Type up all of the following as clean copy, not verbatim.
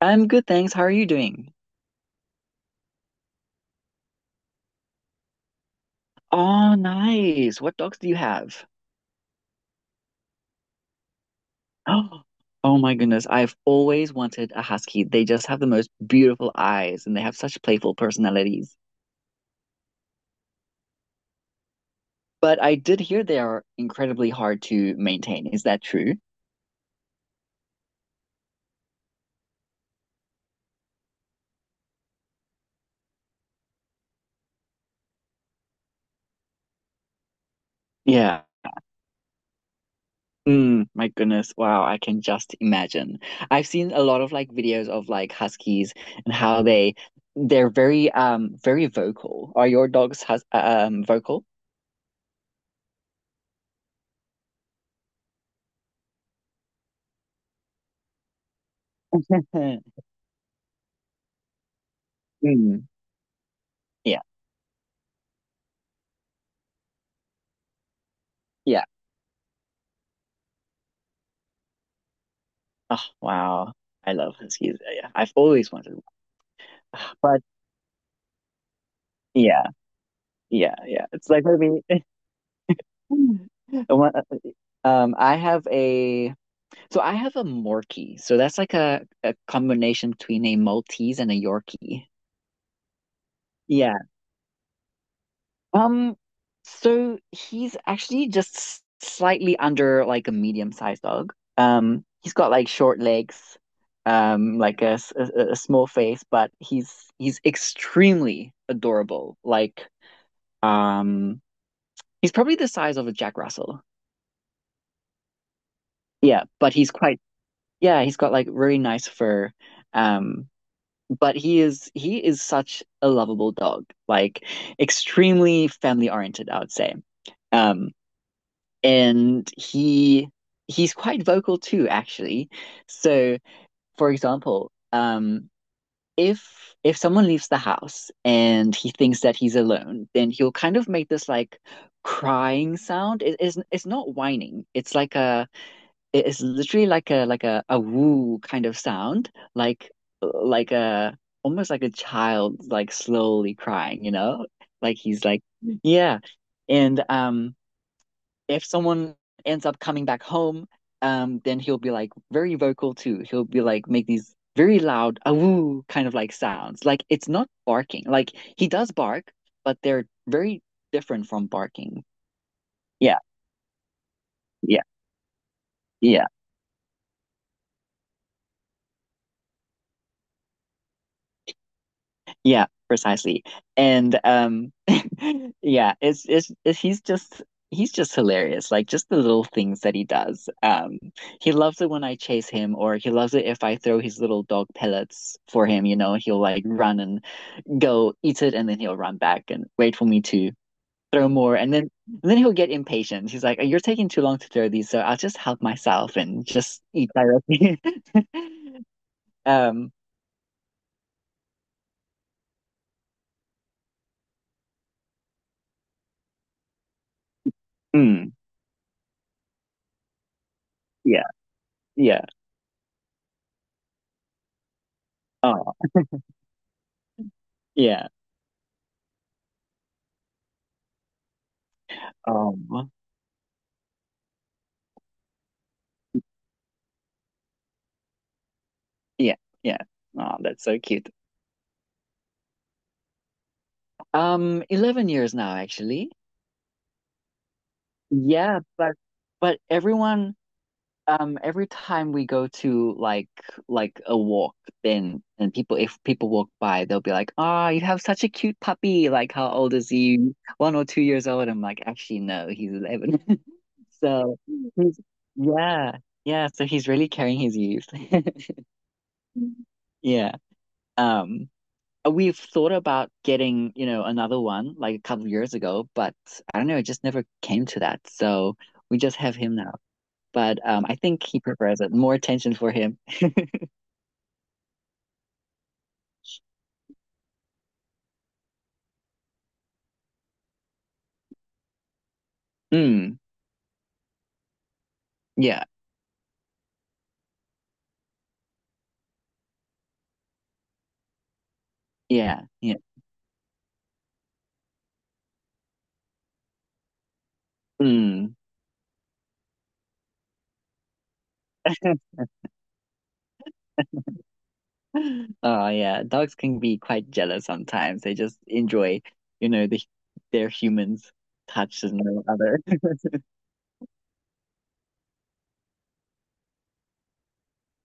I'm good, thanks. How are you doing? Oh, nice. What dogs do you have? Oh, oh my goodness. I've always wanted a husky. They just have the most beautiful eyes and they have such playful personalities. But I did hear they are incredibly hard to maintain. Is that true? Yeah. Mm, my goodness. Wow, I can just imagine. I've seen a lot of videos of huskies and how they're very very vocal. Are your dogs hus vocal? Mm, yeah. Yeah. Oh wow. I love huskies. Yeah, yeah. I've always wanted one. But yeah, yeah. It's like maybe one- I have a I have a Morkie. So that's like a combination between a Maltese and a Yorkie. Um, so he's actually just slightly under like a medium-sized dog. He's got like short legs, like a small face, but he's extremely adorable. Um, he's probably the size of a Jack Russell. Yeah, but he's quite yeah, he's got like really nice fur. Um, but he is such a lovable dog, like extremely family-oriented, I would say. Um. And he He's quite vocal too, actually. So, for example, if if someone leaves the house and he thinks that he's alone, then he'll kind of make this like crying sound. It's not whining. It's like a it is literally like a woo kind of sound, like a almost like a child like slowly crying, you know? Like he's like Yeah. And if someone ends up coming back home, then he'll be like very vocal too. He'll be like make these very loud awoo kind of like sounds. Like it's not barking. Like he does bark, but they're very different from barking. Yeah, yeah, yeah, yeah, precisely. And yeah, it's he's just hilarious. Like just the little things that he does. He loves it when I chase him, or he loves it if I throw his little dog pellets for him. You know, he'll like run and go eat it and then he'll run back and wait for me to throw more and then he'll get impatient. He's like, "You're taking too long to throw these, so I'll just help myself and just eat directly." um, mm, yeah, yeah, oh, yeah, um, yeah, yeah. Oh, that's so cute. 11 years now, actually. Yeah, but everyone every time we go to like a walk then and people, if people walk by, they'll be like, ah, you have such a cute puppy, like how old is he, 1 or 2 years old? I'm like, actually no, he's 11. so he's Yeah, yeah, so he's really carrying his youth. Yeah. um we've thought about getting, you know, another one like a couple of years ago, but I don't know, it just never came to that. So we just have him now, but I think he prefers it. More attention for him. Mm, yeah, yeah. Mm. Oh yeah, dogs can be quite jealous sometimes. They just enjoy, the their humans' touch and no other.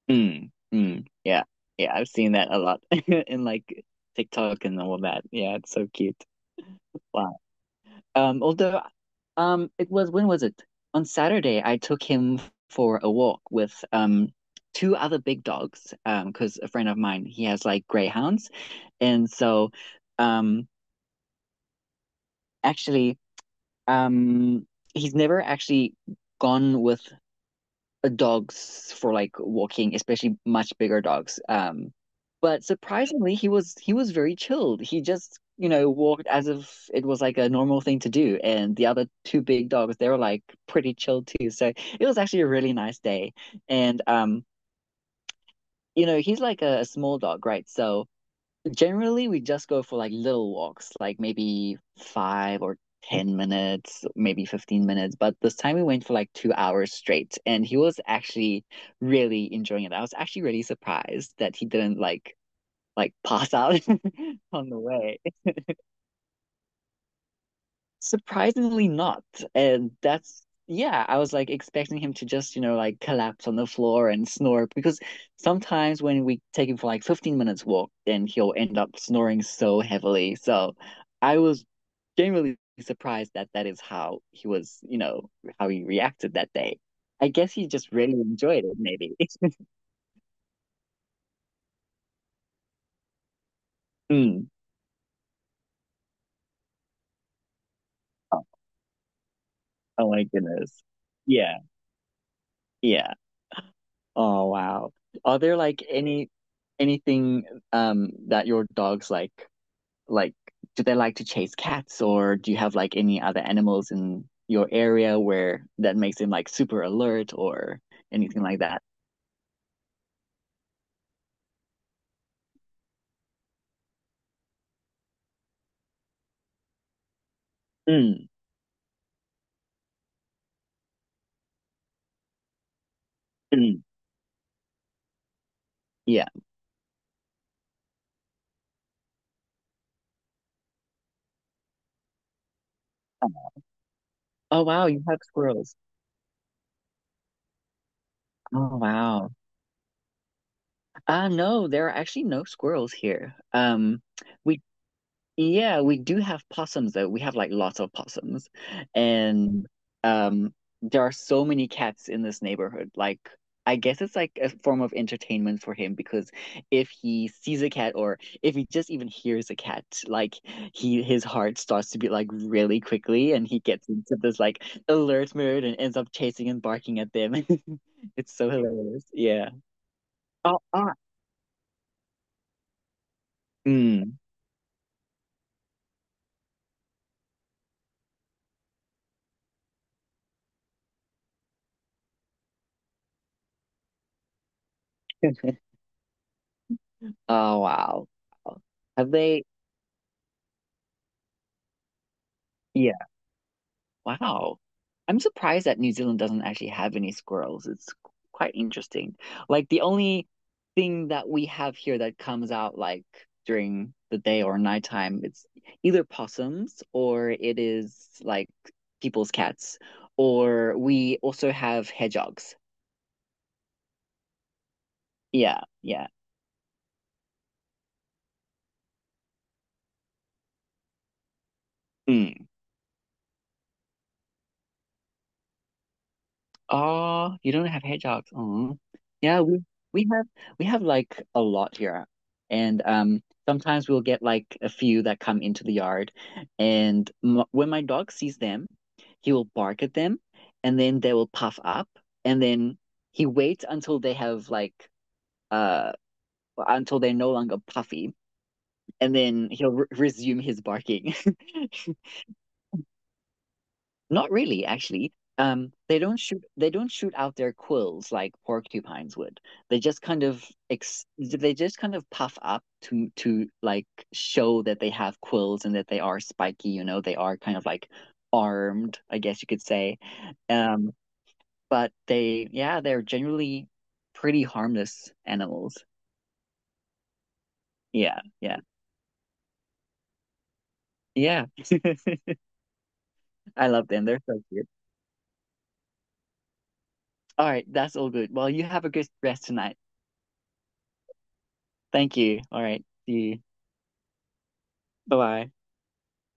Mm, mm, yeah, yeah. I've seen that a lot in like TikTok and all that. Yeah, it's so cute. Wow. Although, it was, when was it? On Saturday, I took him for a walk with two other big dogs. Because a friend of mine, he has like greyhounds, and so, um, actually, um, he's never actually gone with dogs for like walking, especially much bigger dogs. But surprisingly, he was very chilled. He just, you know, walked as if it was like a normal thing to do. And the other two big dogs, they were like pretty chilled too. So it was actually a really nice day. And you know, he's like a small dog, right? So generally, we just go for like little walks, like maybe 5 or 10 minutes, maybe 15 minutes. But this time we went for like 2 hours straight, and he was actually really enjoying it. I was actually really surprised that he didn't like pass out on the way. Surprisingly not. And that's, yeah, I was like expecting him to just, you know, like collapse on the floor and snore, because sometimes when we take him for like 15 minutes walk, then he'll end up snoring so heavily. So I was genuinely surprised that that is how he was, you know, how he reacted that day. I guess he just really enjoyed it, maybe. Mm. Oh, oh my goodness. Yeah. Yeah. Oh wow. Are there like any anything that your dogs like like do they like to chase cats, or do you have like any other animals in your area where that makes them like super alert or anything like that? Mm, mm, yeah. Oh wow, you have squirrels. Oh wow. No, there are actually no squirrels here. We yeah, we do have possums though. We have like lots of possums. And um there are so many cats in this neighborhood. Like I guess it's like a form of entertainment for him, because if he sees a cat, or if he just even hears a cat, like he, his heart starts to beat like really quickly and he gets into this like alert mode and ends up chasing and barking at them. It's so hilarious. Yeah. Oh, ah. Mm. Oh, wow. Have they? Wow. I'm surprised that New Zealand doesn't actually have any squirrels. It's quite interesting. Like the only thing that we have here that comes out like during the day or nighttime, it's either possums or it is like people's cats, or we also have hedgehogs. Yeah, yeah. Mm. Oh, you don't have hedgehogs. Oh, yeah. We have we have like a lot here, and sometimes we'll get like a few that come into the yard, and m when my dog sees them, he will bark at them, and then they will puff up, and then he waits until they have like uh until they're no longer puffy, and then he'll re resume his barking. Not really, actually. They don't shoot out their quills like porcupines would. They just kind of ex they just kind of puff up to like show that they have quills and that they are spiky, you know, they are kind of like armed, I guess you could say. Um, but they, yeah, they're generally pretty harmless animals. Yeah, yeah. Yeah. I love them. They're so cute. All right, that's all good. Well, you have a good rest tonight. Thank you. All right. See you. Bye-bye.